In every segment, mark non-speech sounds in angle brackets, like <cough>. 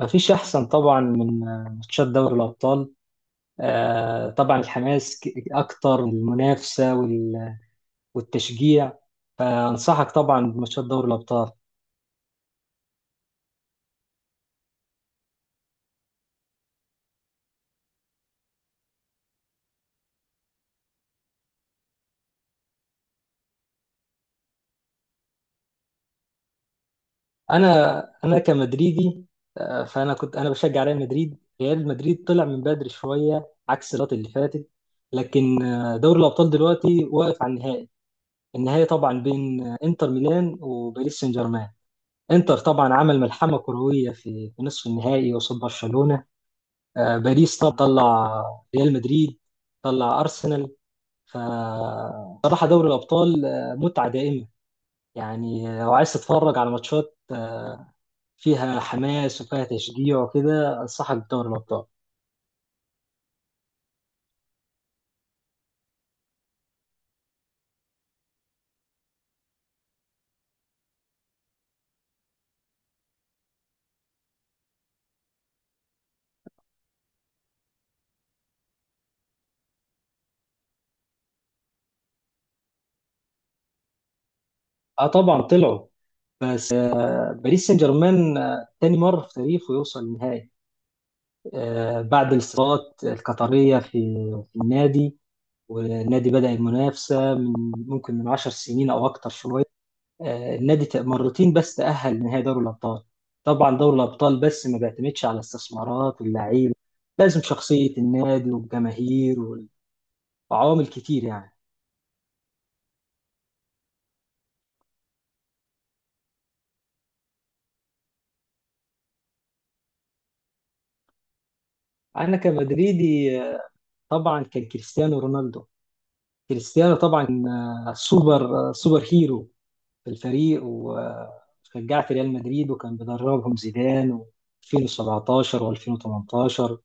مفيش أحسن طبعا من ماتشات دوري الأبطال. طبعا الحماس أكتر والمنافسة والتشجيع. فأنصحك طبعا بماتشات دوري الأبطال. أنا كمدريدي، فأنا كنت أنا بشجع ريال مدريد. ريال مدريد طلع من بدري شوية عكس الوقت اللي فاتت. لكن دوري الأبطال دلوقتي واقف على النهائي. النهائي طبعا بين إنتر ميلان وباريس سان جيرمان. إنتر طبعا عمل ملحمة كروية في نصف النهائي قصاد برشلونة. باريس طب طلع ريال مدريد، طلع ارسنال. فصراحه دوري الابطال متعه دائمه. يعني لو عايز تتفرج على ماتشات فيها حماس وفيها تشجيع وكده، انصحك بدوري الابطال. اه، طبعا طلعوا. بس باريس سان جيرمان تاني مره في تاريخه يوصل النهائي، بعد الاستثمارات القطريه في النادي. والنادي بدأ المنافسه من، ممكن، من 10 سنين او اكتر شويه. النادي مرتين بس تأهل نهائي دوري الأبطال. طبعا دوري الأبطال بس ما بيعتمدش على استثمارات واللعيبة، لازم شخصية النادي والجماهير وعوامل كتير يعني. أنا كمدريدي، طبعا كان كريستيانو رونالدو. كريستيانو طبعا سوبر، سوبر هيرو في الفريق، وشجعت ريال مدريد وكان بيدربهم زيدان و 2017 و2018.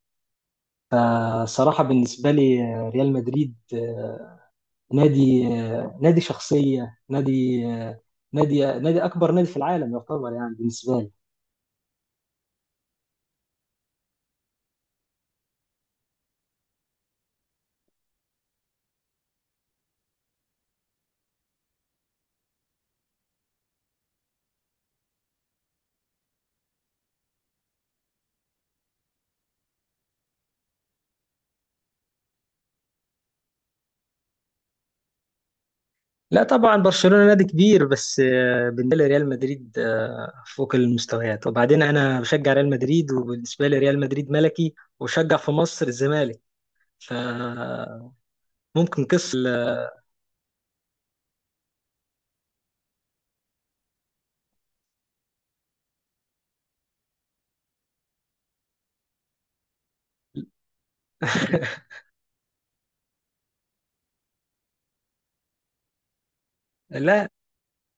فصراحة بالنسبة لي ريال مدريد نادي، نادي شخصية، نادي، نادي أكبر نادي في العالم يعتبر يعني بالنسبة لي. لا طبعا، برشلونة نادي كبير بس بالنسبة لي ريال مدريد فوق المستويات، وبعدين أنا بشجع ريال مدريد وبالنسبة لي ريال مدريد ملكي، وشجع في مصر الزمالك، فممكن قصة ال- <laughs> لا،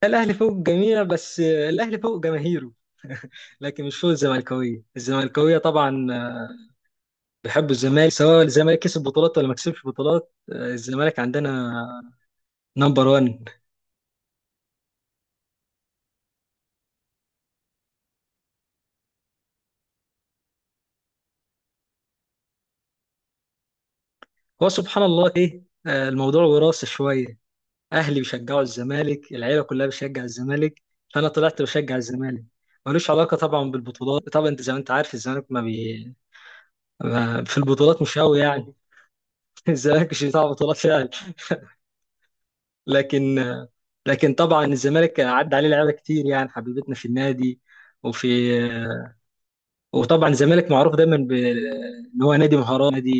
الأهلي فوق الجميع بس الأهلي فوق جماهيره، لكن مش فوق الزمالكوية. الزمالكوية طبعا بحب الزمالك، سواء الزمالك كسب بطولات ولا ما كسبش بطولات. الزمالك عندنا نمبر 1. هو سبحان الله، ايه، الموضوع وراثي شويه. اهلي بيشجعوا الزمالك، العيله كلها بتشجع الزمالك، فانا طلعت بشجع الزمالك. ملوش علاقه طبعا بالبطولات. طبعا انت زي ما انت عارف الزمالك ما في البطولات مش قوي يعني. <laughs> الزمالك مش بتاع بطولات فعلا. لكن آه، لكن، طبعا الزمالك عدى عليه لعيبه كتير يعني، حبيبتنا في النادي وفي. وطبعا الزمالك معروف دايما ان هو نادي مهارات، نادي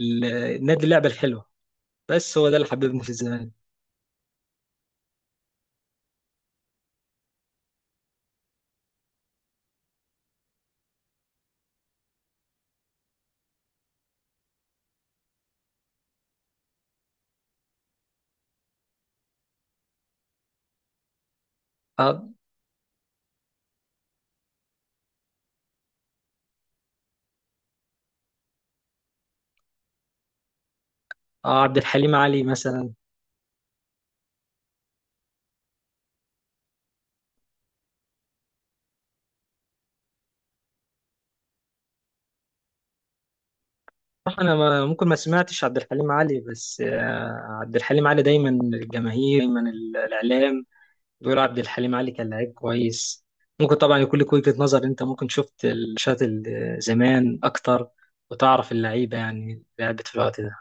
ال- نادي اللعبه الحلوه، بس هو ده اللي حببني في الزمالك. اه، عبد الحليم علي مثلا. صح، انا ما ممكن ما سمعتش عبد الحليم علي بس عبد الحليم علي دايما الجماهير، دايما الاعلام بيقول عبد الحليم علي كان لعيب كويس. ممكن طبعا يكون لك وجهة نظر، انت ممكن شفت الماتشات زمان اكتر وتعرف اللعيبه يعني لعبت في الوقت ده.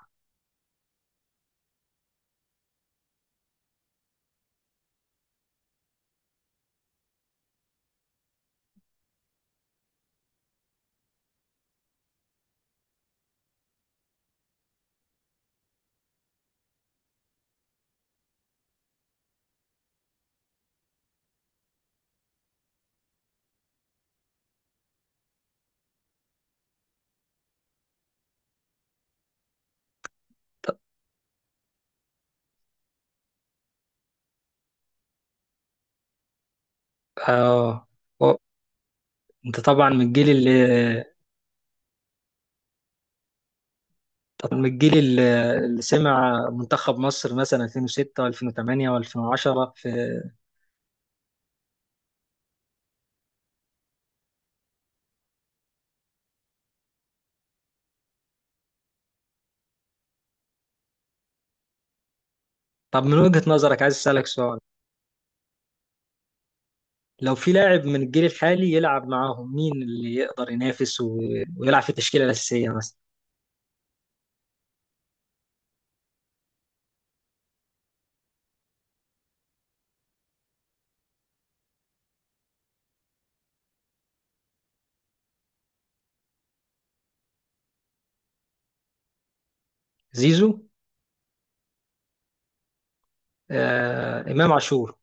طب، اه، و- انت طبعا من الجيل اللي. طب من الجيل اللي سمع منتخب مصر مثلا 2006 و2008 و2010، في... طب من وجهة نظرك، عايز أسألك سؤال: لو في لاعب من الجيل الحالي يلعب معاهم، مين اللي يقدر ينافس و... ويلعب في التشكيلة الأساسية مثلا؟ زيزو. إمام عاشور.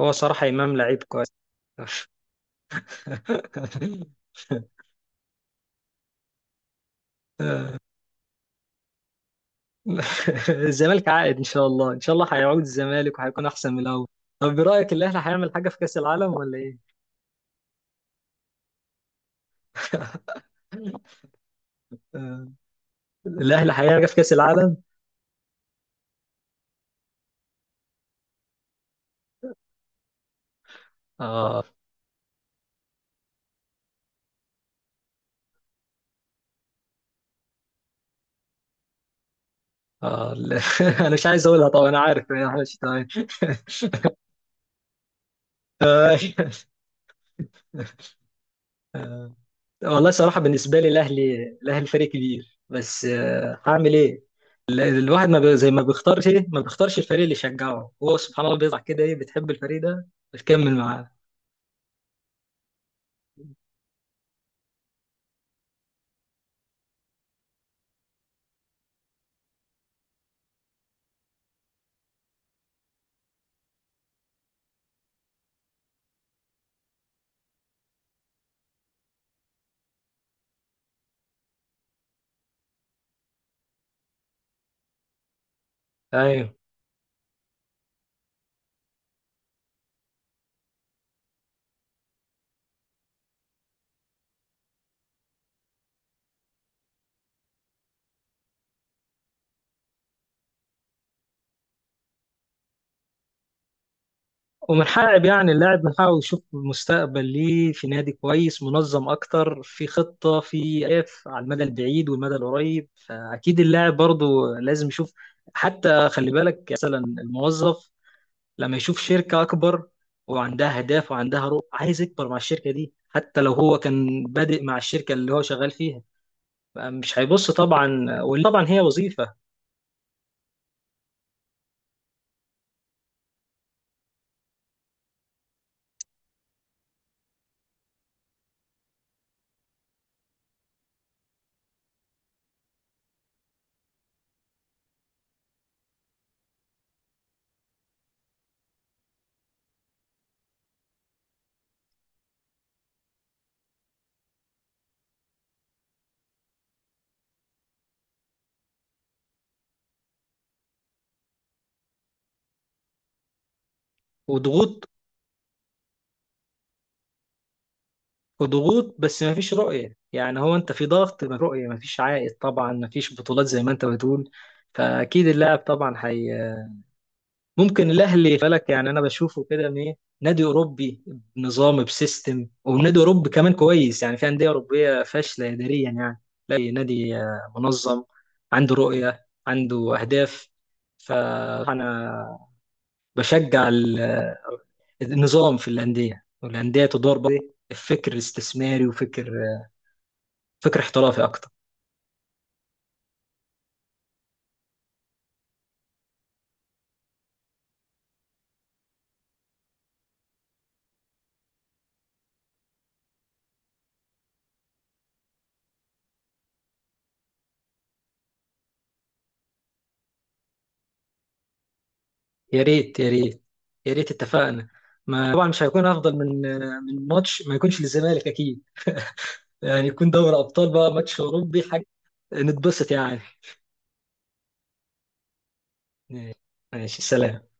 هو صراحة إمام لعيب كويس. <laughs> الزمالك عائد إن شاء الله، إن شاء الله هيعود الزمالك وهيكون أحسن من الأول. طب برأيك الأهلي هيعمل حاجة في كأس العالم ولا إيه؟ <laughs> الاهلي هيلعب في كاس العالم. اه. اه، لا. <laughs> انا مش عايز اقولها، طبعا انا عارف انا مش تمام. <laughs> آه، آه، والله صراحه بالنسبه لي الاهلي فريق كبير بس هعمل ايه. الواحد ما بي- زي ما بيختارش، الفريق اللي يشجعه، هو سبحان الله بيطلع كده، ايه، بتحب الفريق ده بتكمل معاه. ايوه، ومن حقق يعني اللاعب من حقه يشوف مستقبل ليه في نادي كويس منظم اكتر، في خطة، في اهداف على المدى البعيد والمدى القريب، فاكيد اللاعب برضه لازم يشوف. حتى خلي بالك مثلا الموظف، لما يشوف شركة اكبر وعندها اهداف وعندها رؤى، عايز يكبر مع الشركة دي حتى لو هو كان بادئ مع الشركة اللي هو شغال فيها. مش هيبص طبعا، وطبعا هي وظيفة. وضغوط وضغوط بس ما فيش رؤية، يعني هو انت في ضغط، من رؤية ما فيش عائد طبعا، ما فيش بطولات زي ما انت بتقول. فاكيد اللاعب طبعا حي. ممكن الاهلي بالك يعني، انا بشوفه كده ان ايه: نادي اوروبي بنظام، بسيستم، ونادي اوروبي كمان كويس، يعني في انديه اوروبيه فاشله اداريا يعني. لا، نادي منظم، عنده رؤيه، عنده اهداف. فانا بشجع النظام في الانديه، والانديه تدار بقى بفكر استثماري، وفكر، فكر احترافي اكتر. يا ريت، يا ريت، يا ريت اتفقنا. ما طبعا مش هيكون افضل من ماتش ما يكونش للزمالك اكيد. <laughs> يعني يكون دوري ابطال بقى، ماتش اوروبي، حاجه نتبسط يعني. ماشي، سلام.